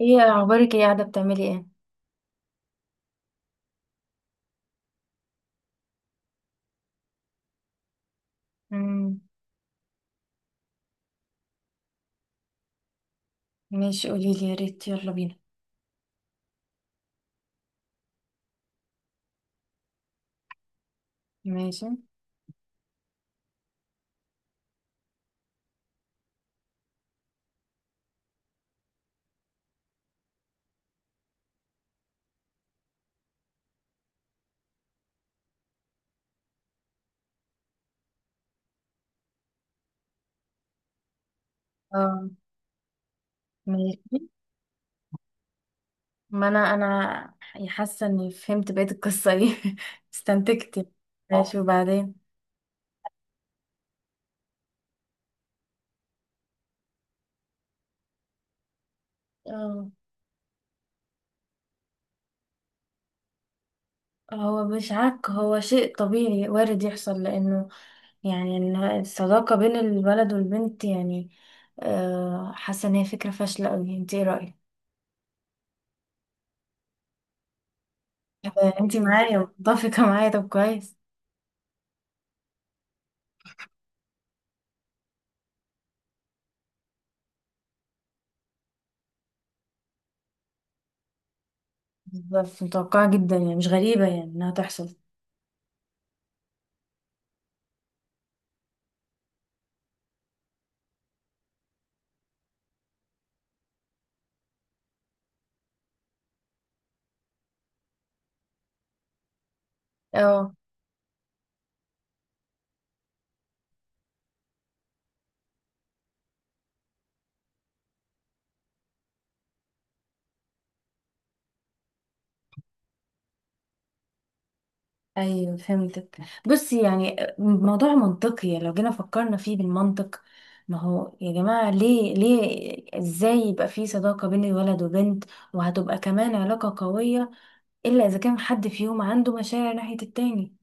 ايه اخبارك؟ ايه قاعده بتعملي؟ ايه؟ امم. ماشي، قولي لي، يا ريت، يلا بينا. ماشي. اه. ماشي. ما انا يعني حاسه اني فهمت بقيه القصه دي استنتجت. ماشي، وبعدين؟ اه. هو مش عك، هو شيء طبيعي وارد يحصل، لانه يعني إن الصداقه بين الولد والبنت، يعني حاسه ان هي فكره فاشله قوي، انت ايه رايك؟ انت معايا، متفقه معايا، طب كويس. بالظبط، متوقعه جدا، يعني مش غريبه، يعني انها تحصل. اه. ايوه، فهمتك. بصي، يعني موضوع منطقي، يعني لو جينا فكرنا فيه بالمنطق. ما هو يا جماعة، ليه ليه، ازاي يبقى في صداقة بين ولد وبنت؟ وهتبقى كمان علاقة قوية، الا اذا كان حد فيهم عنده مشاعر ناحية التاني.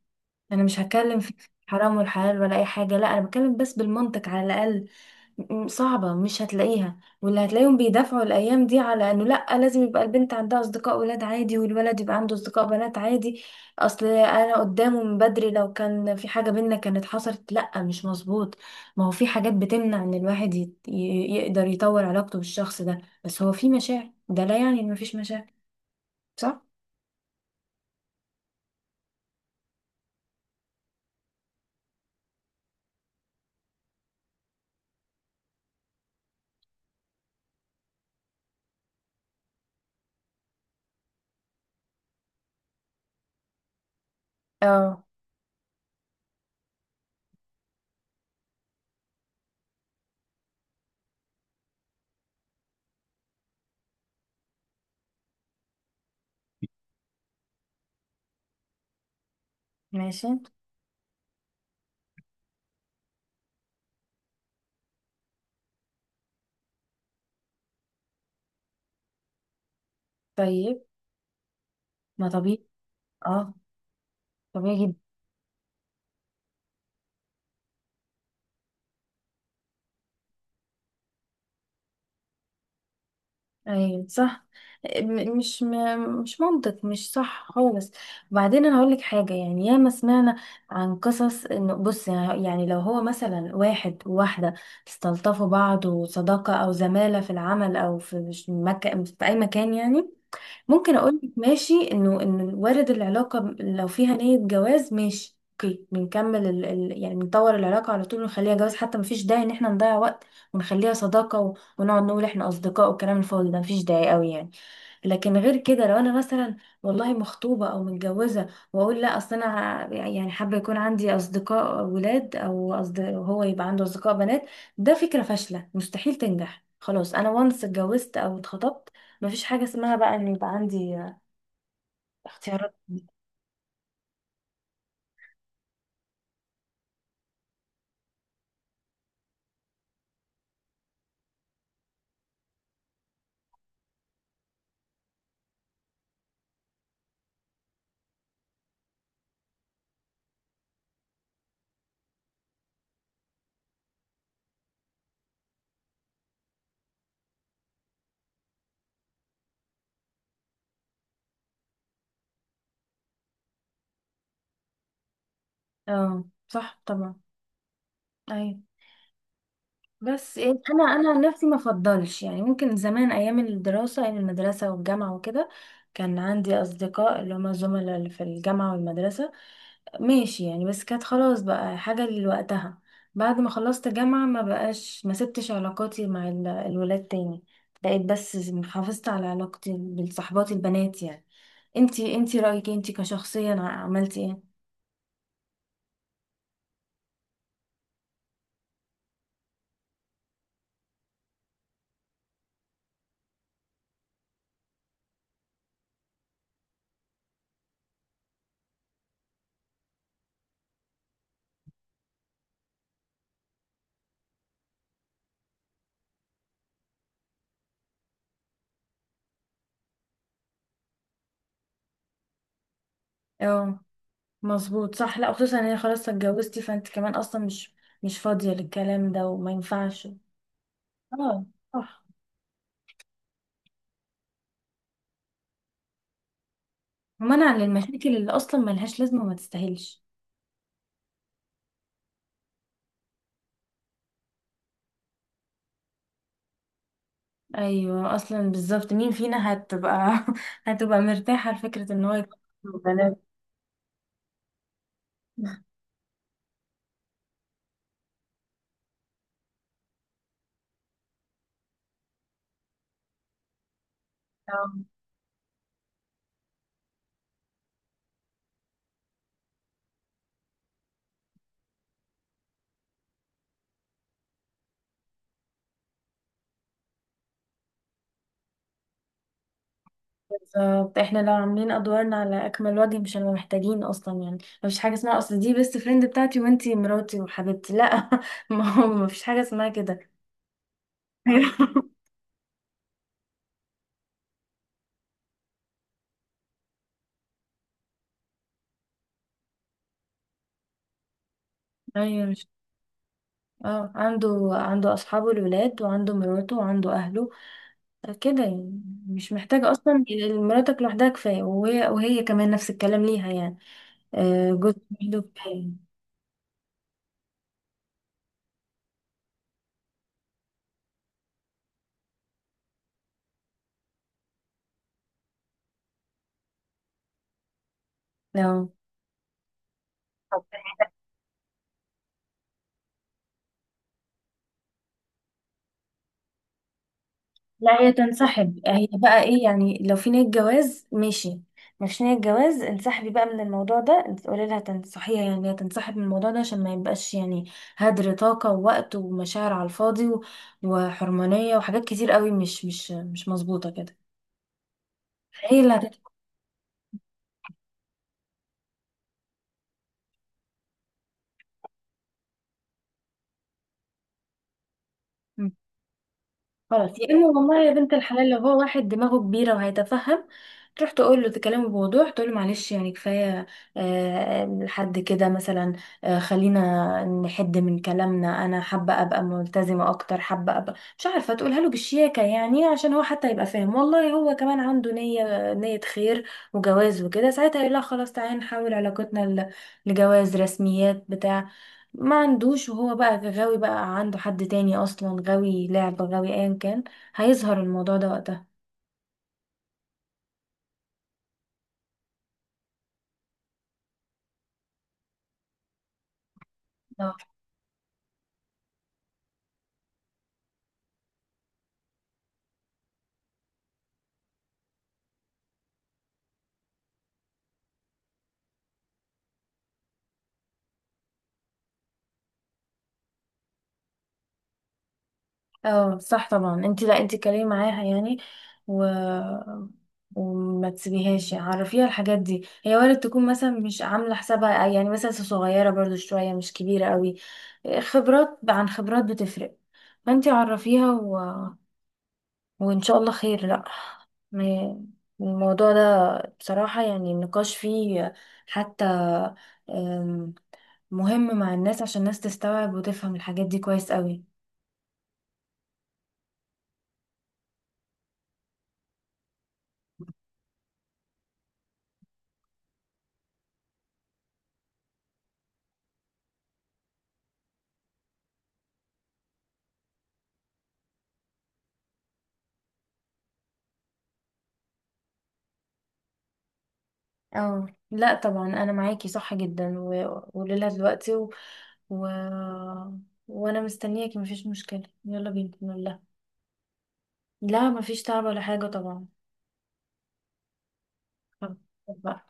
انا مش هتكلم في حرام والحلال ولا اي حاجة، لا، انا بتكلم بس بالمنطق على الاقل. صعبة مش هتلاقيها، واللي هتلاقيهم بيدافعوا الأيام دي على إنه لأ، لازم يبقى البنت عندها أصدقاء ولاد عادي، والولد يبقى عنده أصدقاء بنات عادي. أصل أنا قدامه من بدري، لو كان في حاجة بينا كانت حصلت، لأ مش مظبوط. ما هو في حاجات بتمنع إن الواحد يقدر يطور علاقته بالشخص ده، بس هو في مشاعر، ده لا يعني إن مفيش مشاعر. صح؟ اه. ماشي. طيب. ما طبيعي. اه. طبيعي جدا. ايوه صح. مش منطق، مش صح خالص. وبعدين، انا هقول لك حاجه، يعني ياما سمعنا عن قصص، انه بص، يعني لو هو مثلا واحد وواحده استلطفوا بعض، وصداقه او زماله في العمل، او في في اي مكان، يعني ممكن اقول لك ماشي، انه وارد العلاقه لو فيها نيه جواز، ماشي، اوكي بنكمل يعني بنطور العلاقه على طول ونخليها جواز، حتى مفيش داعي ان احنا نضيع وقت ونخليها صداقه ونقعد نقول احنا اصدقاء، والكلام الفاضي ده مفيش داعي قوي يعني. لكن غير كده، لو انا مثلا والله مخطوبه او متجوزه، واقول لا، اصل انا يعني حابه يكون عندي اصدقاء ولاد، او أصدقاء هو يبقى عنده اصدقاء بنات، ده فكره فاشله مستحيل تنجح، خلاص انا وانس اتجوزت او اتخطبت، مفيش حاجة اسمها بقى ان يبقى عندي اختيارات. اه صح طبعا. ايوه. بس انا عن نفسي ما افضلش، يعني ممكن زمان ايام الدراسة، ايام المدرسة والجامعة وكده كان عندي اصدقاء اللي هما زملاء اللي في الجامعة والمدرسة، ماشي يعني، بس كانت خلاص بقى حاجة لوقتها. بعد ما خلصت جامعة ما بقاش، ما سبتش علاقاتي مع الولاد تاني، بقيت بس حافظت على علاقتي بالصحبات البنات يعني. انتي رأيك إيه؟ انتي كشخصيا عملتي ايه؟ اه مظبوط صح، لا خصوصا ان هي خلاص اتجوزتي، فانت كمان اصلا مش فاضية للكلام ده، وما ينفعش. اه صح. ومنع للمشاكل اللي اصلا ملهاش لازمة وما تستاهلش. ايوه اصلا بالظبط، مين فينا هتبقى هتبقى مرتاحة لفكرة ان هو يكون بنات. اه بالظبط، احنا لو عاملين ادوارنا على اكمل وجه مش هنبقى محتاجين اصلا يعني، مفيش حاجة اسمها، اصل دي بيست فريند بتاعتي وانتي مراتي وحبيبتي، لا. ما هو مفيش حاجة اسمها كده. ايوه، مش اه، عنده اصحابه الولاد، وعنده مراته، وعنده اهله، كده يعني، مش محتاجة اصلا. مراتك لوحدها كفاية، وهي كمان نفس الكلام ليها يعني، جوز لوحده كفاية. لو لا، هي تنسحب، هي بقى ايه يعني، لو في نية جواز ماشي، مش نية جواز انسحبي بقى من الموضوع ده، قولي لها تنصحيها، يعني هي تنسحب من الموضوع ده، عشان ما يبقاش يعني هدر طاقة ووقت ومشاعر على الفاضي وحرمانية وحاجات كتير قوي، مش مظبوطة كده. هي اللي هتتفهم. مم. خلاص يا اما، والله يا بنت الحلال، لو هو واحد دماغه كبيره وهيتفهم، تروح تقول له، تكلمه بوضوح، تقول له معلش يعني كفايه، لحد كده مثلا، خلينا نحد من كلامنا، انا حابه ابقى ملتزمه اكتر، حابه ابقى مش عارفه، تقولها له بالشياكه يعني، عشان هو حتى يبقى فاهم. والله هو كمان عنده نيه خير وجواز وكده، ساعتها يقول لها خلاص تعالي نحول علاقتنا لجواز، رسميات بتاع. ما عندوش، وهو بقى غاوي، بقى عنده حد تاني اصلا، غاوي لعبة، غاوي ايا كان، هيظهر الموضوع ده وقتها. اه. اه صح طبعا، انت لا، انت اتكلمي معاها يعني و... وما تسيبيهاش، يعني عرفيها الحاجات دي، هي وارد تكون مثلا مش عامله حسابها، يعني مثلا صغيره برضو شويه، مش كبيره قوي، خبرات عن خبرات بتفرق، فانت عرفيها، وإن شاء الله خير. لأ، ما- الموضوع ده بصراحة، يعني النقاش فيه حتى آم، مهم مع الناس، عشان الناس تستوعب وتفهم الحاجات دي كويس قوي. اه لا طبعا، أنا معاكي صح جدا، وقوليلها دلوقتي و... وأنا مستنياكي، مفيش مشكلة، يلا بينا نقول لها. لا مفيش تعب ولا حاجة طبعا. طب- طب بقى.